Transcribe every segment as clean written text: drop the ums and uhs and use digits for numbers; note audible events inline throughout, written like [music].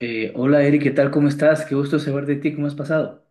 Hola Eric, ¿qué tal? ¿Cómo estás? Qué gusto saber de ti, ¿cómo has pasado?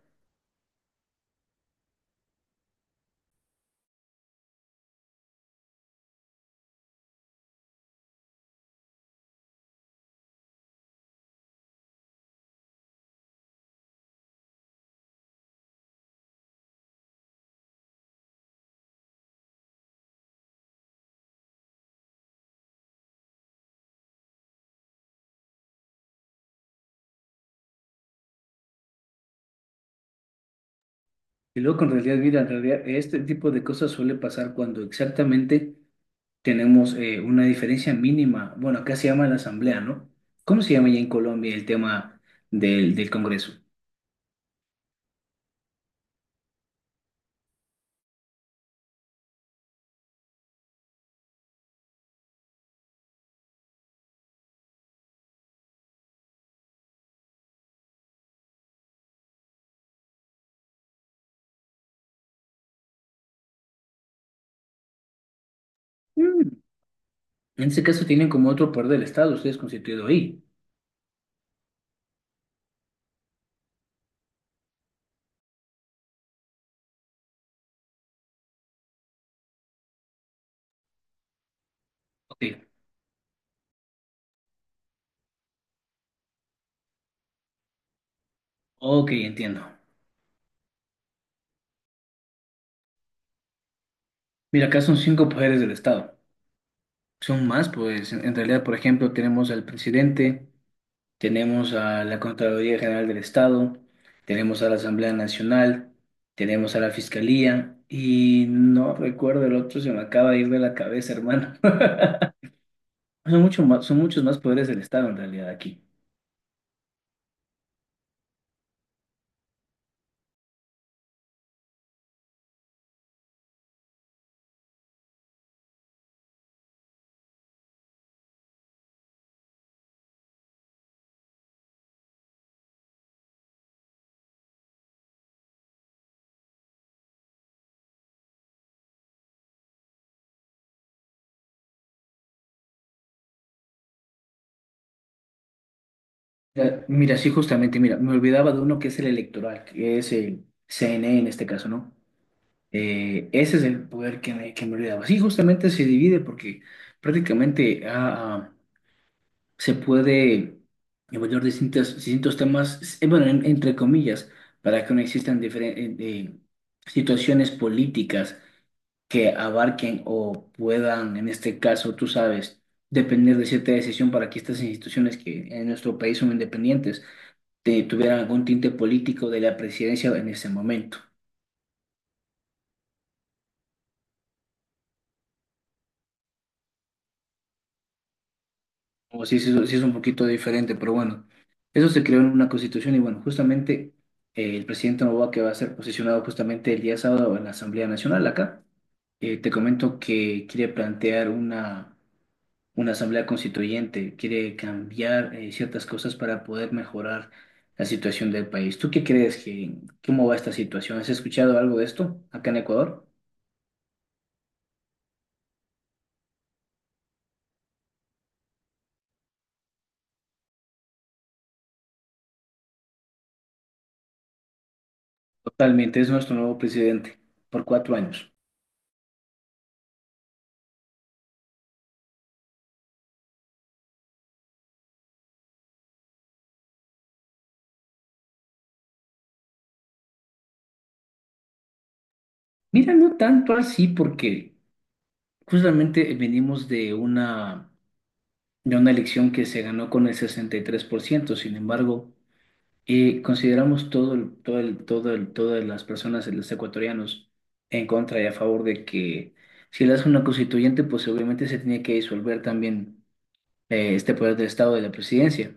Y luego, en realidad, mira, en realidad este tipo de cosas suele pasar cuando exactamente tenemos una diferencia mínima. Bueno, acá se llama la asamblea, ¿no? ¿Cómo se llama ya en Colombia el tema del Congreso? Mm, en ese caso tienen como otro poder del Estado, ustedes constituido ahí. Ok, ok, entiendo. Mira, acá son cinco poderes del Estado. Son más, pues en realidad, por ejemplo, tenemos al presidente. Tenemos a la Contraloría General del Estado, tenemos a la Asamblea Nacional, tenemos a la Fiscalía y no recuerdo el otro, se me acaba de ir de la cabeza, hermano. [laughs] Son mucho más, son muchos más poderes del Estado en realidad aquí. Mira, mira, sí, justamente, mira, me olvidaba de uno que es el electoral, que es el CNE en este caso, ¿no? Ese es el poder que me olvidaba. Sí, justamente se divide porque prácticamente ha se puede evaluar distintos temas, bueno, entre comillas, para que no existan eh, situaciones políticas que abarquen o puedan, en este caso, tú sabes, depender de cierta decisión para que estas instituciones que en nuestro país son independientes tuvieran algún tinte político de la presidencia en ese momento. O sí, sí, sí es un poquito diferente, pero bueno, eso se creó en una constitución y bueno, justamente el presidente Noboa que va a ser posicionado justamente el día sábado en la Asamblea Nacional acá, te comento que quiere plantear una asamblea constituyente, quiere cambiar ciertas cosas para poder mejorar la situación del país. ¿Tú qué crees cómo va esta situación? ¿Has escuchado algo de esto acá en Ecuador? Totalmente, es nuestro nuevo presidente por 4 años. Mira, no tanto así porque... Justamente venimos de de una elección que se ganó con el 63%. Sin embargo, consideramos todas las personas, los ecuatorianos, en contra y a favor de que si él hace una constituyente, pues obviamente se tiene que disolver también este poder del Estado de la presidencia.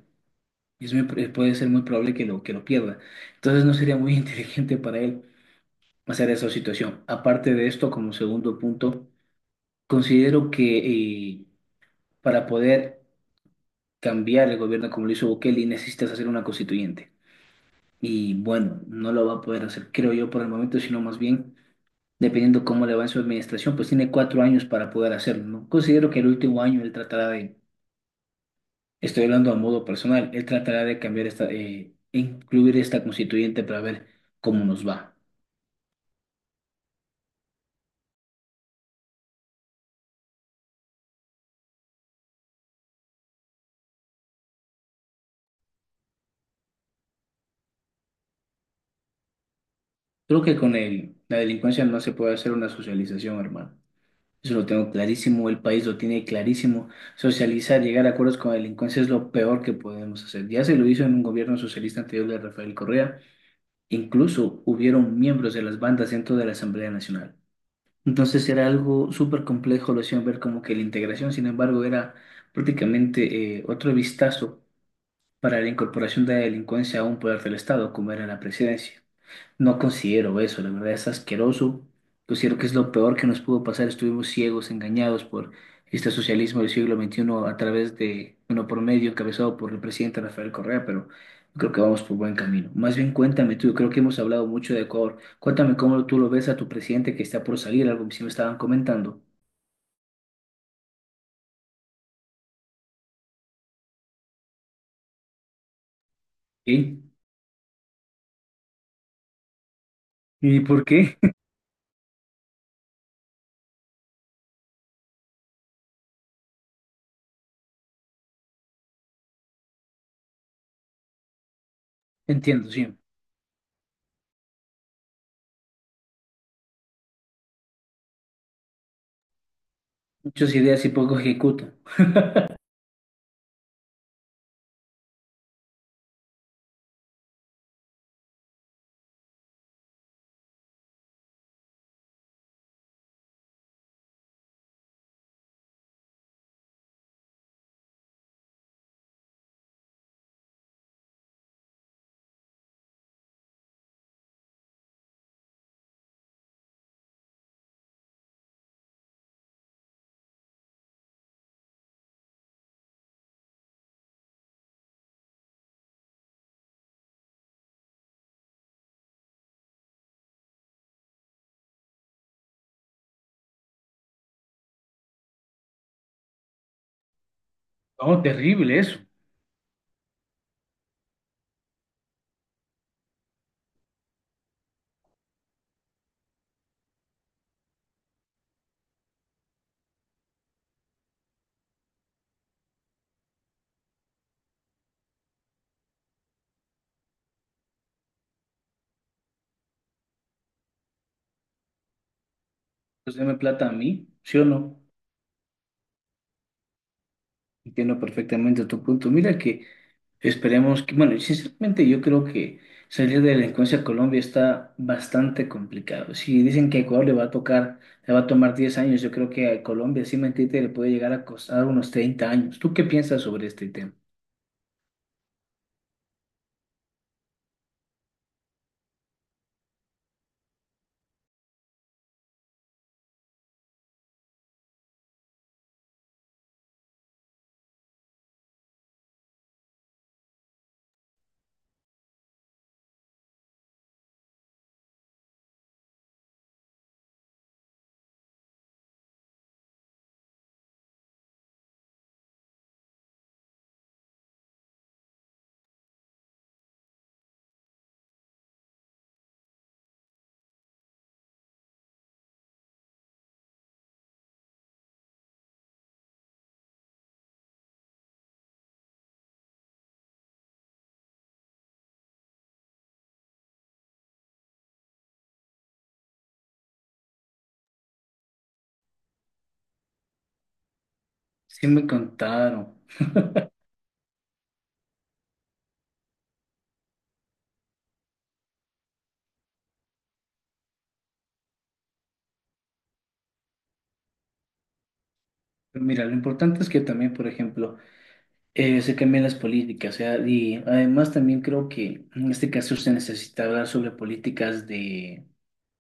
Y es muy puede ser muy probable que que lo pierda. Entonces no sería muy [laughs] inteligente para él hacer esa situación. Aparte de esto, como segundo punto, considero que eh, para poder cambiar el gobierno como lo hizo Bukele necesitas hacer una constituyente. Y bueno, no lo va a poder hacer, creo yo, por el momento, sino más bien, dependiendo cómo le va en su administración, pues tiene 4 años para poder hacerlo, ¿no? Considero que el último año él tratará de, estoy hablando a modo personal, él tratará de cambiar esta, incluir esta constituyente para ver cómo nos va. Creo que con la delincuencia no se puede hacer una socialización, hermano. Eso lo tengo clarísimo, el país lo tiene clarísimo. Socializar, llegar a acuerdos con la delincuencia es lo peor que podemos hacer. Ya se lo hizo en un gobierno socialista anterior de Rafael Correa. Incluso hubieron miembros de las bandas dentro de la Asamblea Nacional. Entonces era algo súper complejo, lo hacían ver como que la integración, sin embargo, era prácticamente otro vistazo para la incorporación de la delincuencia a un poder del Estado, como era la presidencia. No considero eso, la verdad es asqueroso. Considero que es lo peor que nos pudo pasar. Estuvimos ciegos, engañados por este socialismo del siglo 21 a través de, uno por medio encabezado por el presidente Rafael Correa, pero yo creo que vamos por buen camino. Más bien cuéntame tú, yo creo que hemos hablado mucho de Ecuador. Cuéntame cómo tú lo ves a tu presidente que está por salir, algo que sí me estaban comentando. ¿Y, ¿Y por qué? [laughs] Entiendo, sí. Muchas ideas y poco ejecuta. Oh, terrible eso. Pues deme plata a mí, ¿sí o no? Entiendo perfectamente tu punto. Mira que esperemos que, bueno, sinceramente yo creo que salir de la delincuencia a Colombia está bastante complicado. Si dicen que a Ecuador le va a tocar, le va a tomar 10 años, yo creo que a Colombia, sin mentirte, le puede llegar a costar unos 30 años. ¿Tú qué piensas sobre este tema? Sí me contaron. Pero mira, lo importante es que también, por ejemplo, se cambien las políticas, o sea, y además también creo que en este caso se necesita hablar sobre políticas de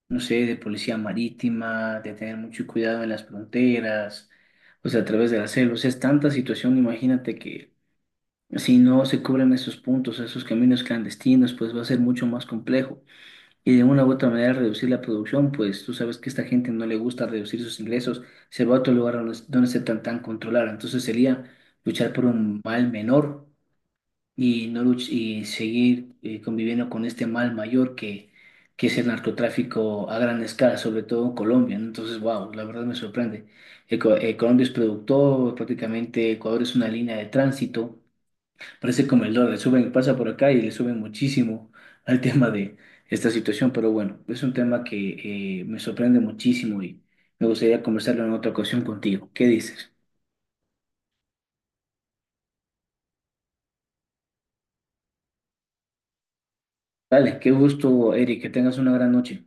no sé, de policía marítima, de tener mucho cuidado en las fronteras, o sea, a través de la selva. O sea, es tanta situación, imagínate que si no se cubren esos puntos, esos caminos clandestinos, pues va a ser mucho más complejo. Y de una u otra manera reducir la producción, pues tú sabes que a esta gente no le gusta reducir sus ingresos, se va a otro lugar donde, donde se tan controlar. Entonces sería luchar por un mal menor y no luch- y seguir conviviendo con este mal mayor que es el narcotráfico a gran escala, sobre todo en Colombia, ¿no? Entonces, wow, la verdad me sorprende. Colombia es productor, prácticamente Ecuador es una línea de tránsito, parece como el dólar, suben, pasa por acá y le suben muchísimo [laughs] al tema de esta situación, pero bueno, es un tema que me sorprende muchísimo y me gustaría conversarlo en otra ocasión contigo. ¿Qué dices? Dale, qué gusto, Eric, que tengas una gran noche.